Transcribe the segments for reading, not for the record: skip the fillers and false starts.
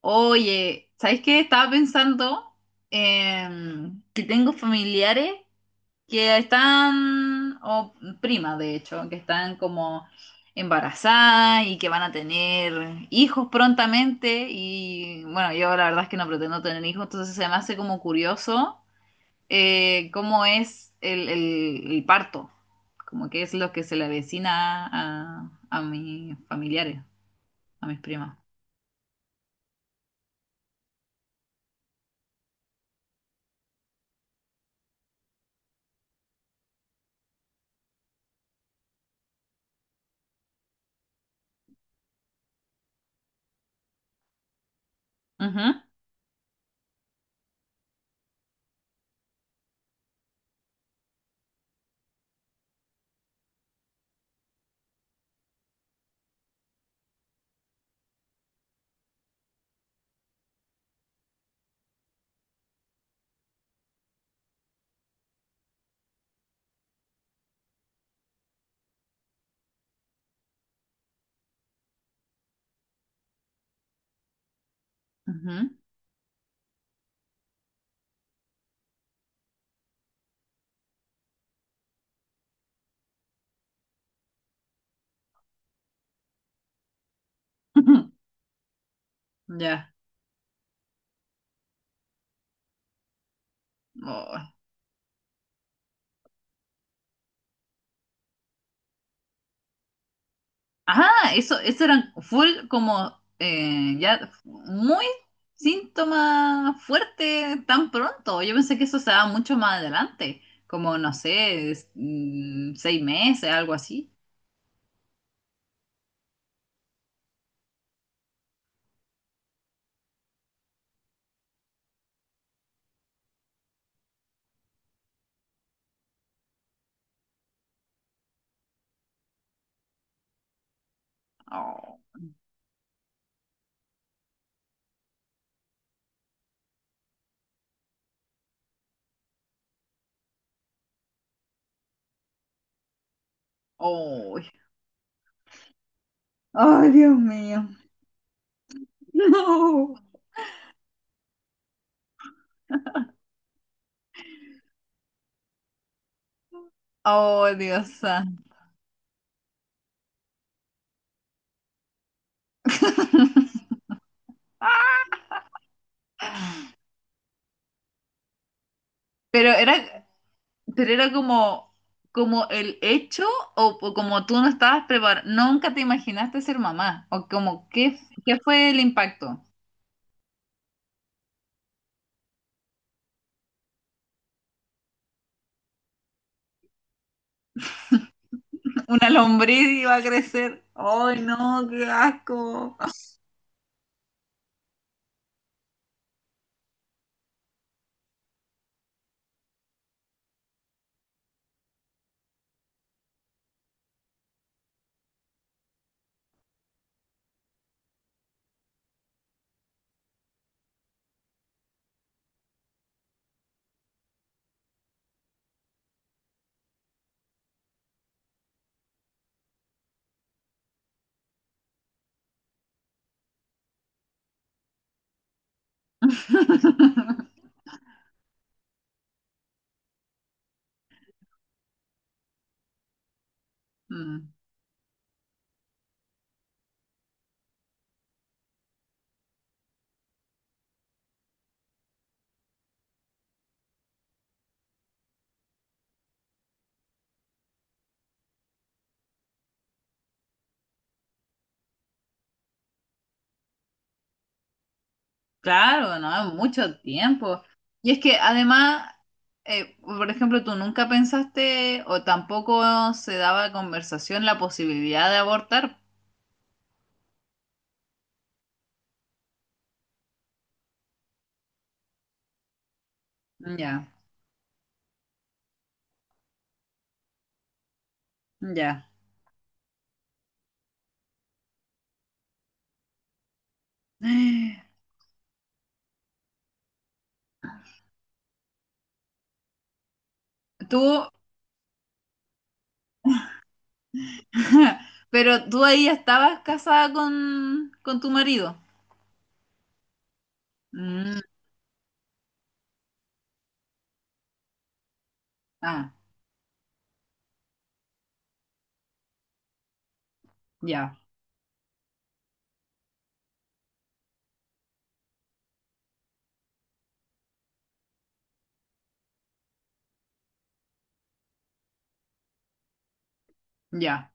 Oye, ¿sabes qué? Estaba pensando, que tengo familiares que están, o primas de hecho, que están como embarazadas y que van a tener hijos prontamente. Y bueno, yo la verdad es que no pretendo tener hijos, entonces se me hace como curioso cómo es el parto, como que es lo que se le avecina a mis familiares, a mis primas. Ujú, ujú. Ya. Oh. Ah, eso eran full como ya muy síntomas fuertes tan pronto. Yo pensé que eso se daba mucho más adelante, como no sé, 6 meses, algo así. Oh, oh. Ay, Dios mío. No. Oh, Dios santo. Pero era. Pero era como, como el hecho, o como tú no estabas preparada, nunca te imaginaste ser mamá, o como qué, qué fue el impacto. Una lombriz iba a crecer. ¡Ay, no, qué asco! Mm, claro, no, mucho tiempo. Y es que además, por ejemplo, tú nunca pensaste o tampoco se daba conversación la posibilidad de abortar. Ya, ya. Tú. Pero tú ahí ya estabas casada con tu marido. Mm, ah, ya, ya.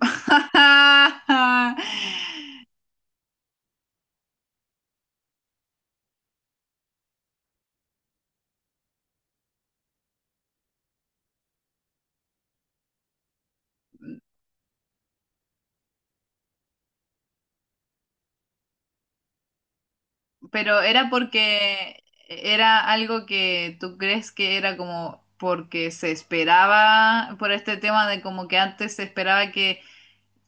Pero era porque era algo que tú crees que era como porque se esperaba por este tema de como que antes se esperaba que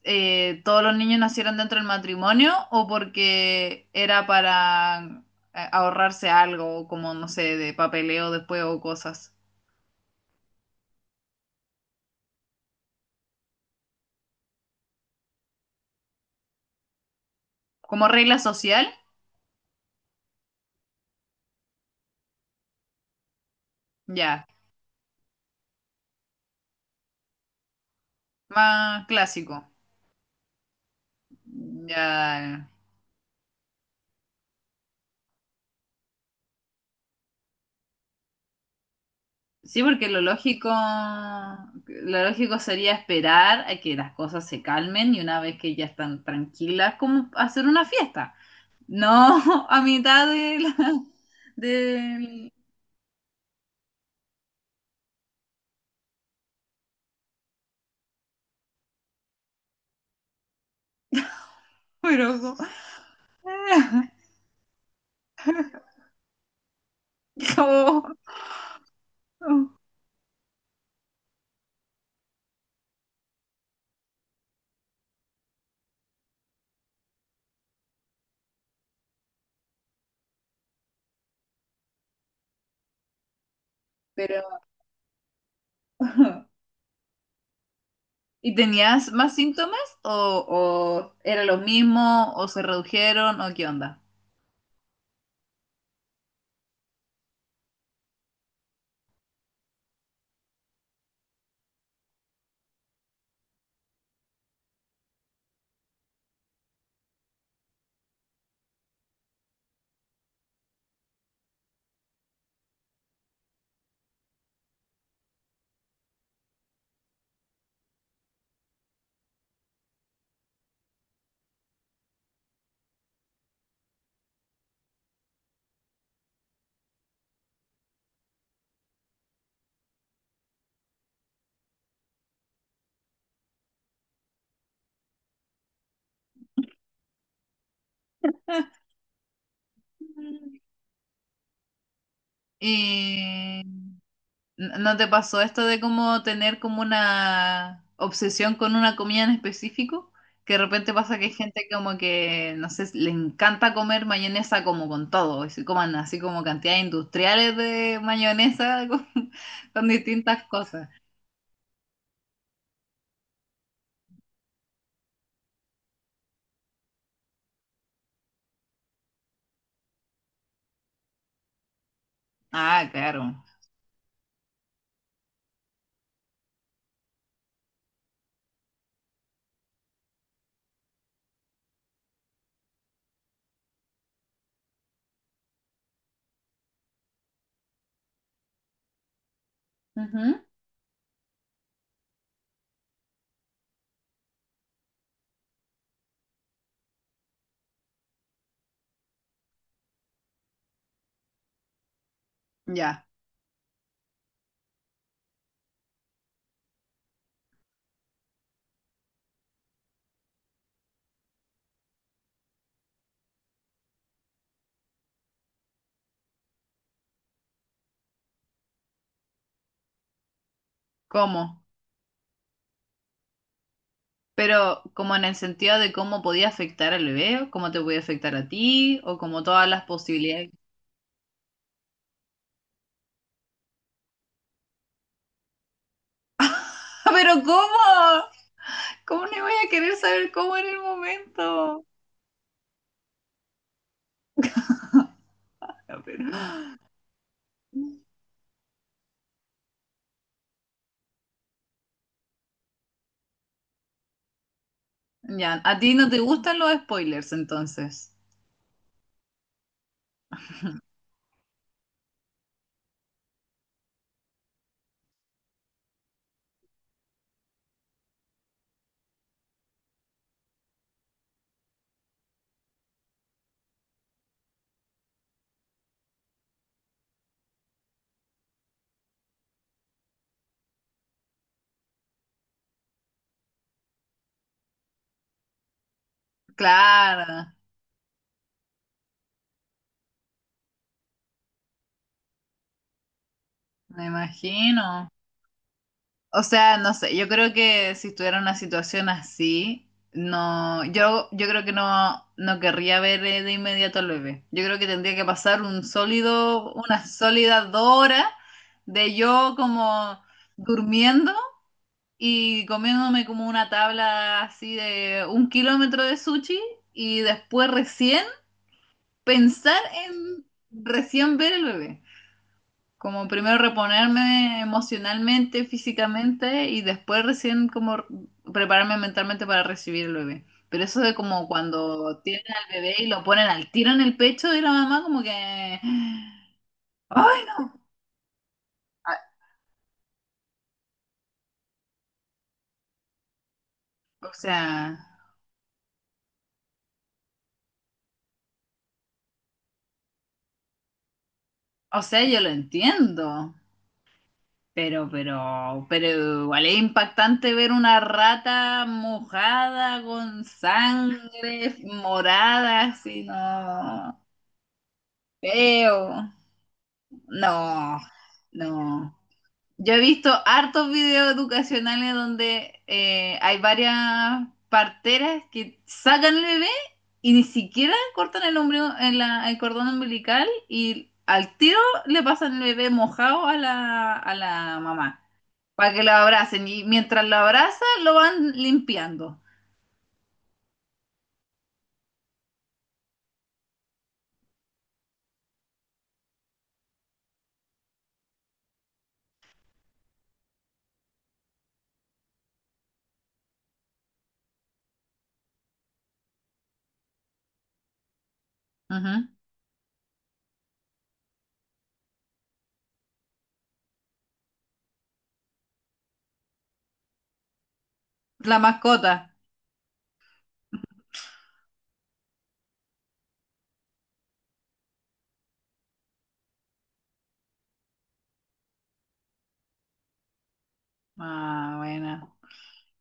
todos los niños nacieran dentro del matrimonio, o porque era para ahorrarse algo, como no sé, de papeleo después o cosas. Como regla social. Ya, más clásico. Ya. Sí, porque lo lógico sería esperar a que las cosas se calmen y una vez que ya están tranquilas, como hacer una fiesta. No a mitad de la, del, pero como, pero ¿y tenías más síntomas, o era lo mismo, o se redujeron, o qué onda? Y ¿no no te pasó esto de como tener como una obsesión con una comida en específico? Que de repente pasa que hay gente como que, no sé, le encanta comer mayonesa como con todo, y se coman así como cantidades industriales de mayonesa con distintas cosas. Ah, claro. Ujú. Ya, ¿cómo? Pero como en el sentido de cómo podía afectar al bebé, o cómo te podía afectar a ti, o como todas las posibilidades. ¡Pero cómo! ¿Cómo le voy a querer saber cómo en el momento? No, pero. Ya, ¿a ti no te gustan los spoilers entonces? Claro, me imagino. O sea, no sé, yo creo que si estuviera en una situación así, no, yo creo que no, no querría ver de inmediato al bebé. Yo creo que tendría que pasar un sólido, unas sólidas 2 horas de yo como durmiendo y comiéndome como una tabla así de 1 kilómetro de sushi y después recién pensar en recién ver el bebé. Como primero reponerme emocionalmente, físicamente y después recién como prepararme mentalmente para recibir el bebé. Pero eso de como cuando tienen al bebé y lo ponen al tiro en el pecho de la mamá, como que... ¡Ay, no! Ah, O sea, o sea, yo lo entiendo. Pero igual es impactante ver una rata mojada con sangre morada, así, no, feo, no, no. Yo he visto hartos videos educacionales donde hay varias parteras que sacan el bebé y ni siquiera cortan el, ombligo- en la- el cordón umbilical y al tiro le pasan el bebé mojado a la mamá para que lo abracen. Y mientras lo abrazan, lo van limpiando. Ujú. La mascota. Ah, bueno.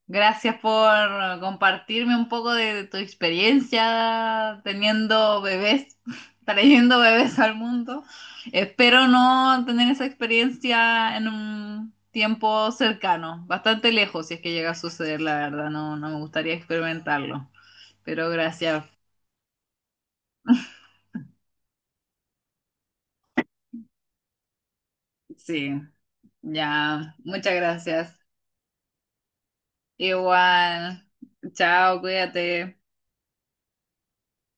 Gracias por compartirme un poco de tu experiencia teniendo bebés, trayendo bebés al mundo. Espero no tener esa experiencia en un tiempo cercano, bastante lejos, si es que llega a suceder, la verdad. No, no me gustaría experimentarlo. Pero gracias. Sí, ya. Muchas gracias. Igual. Chao, cuídate.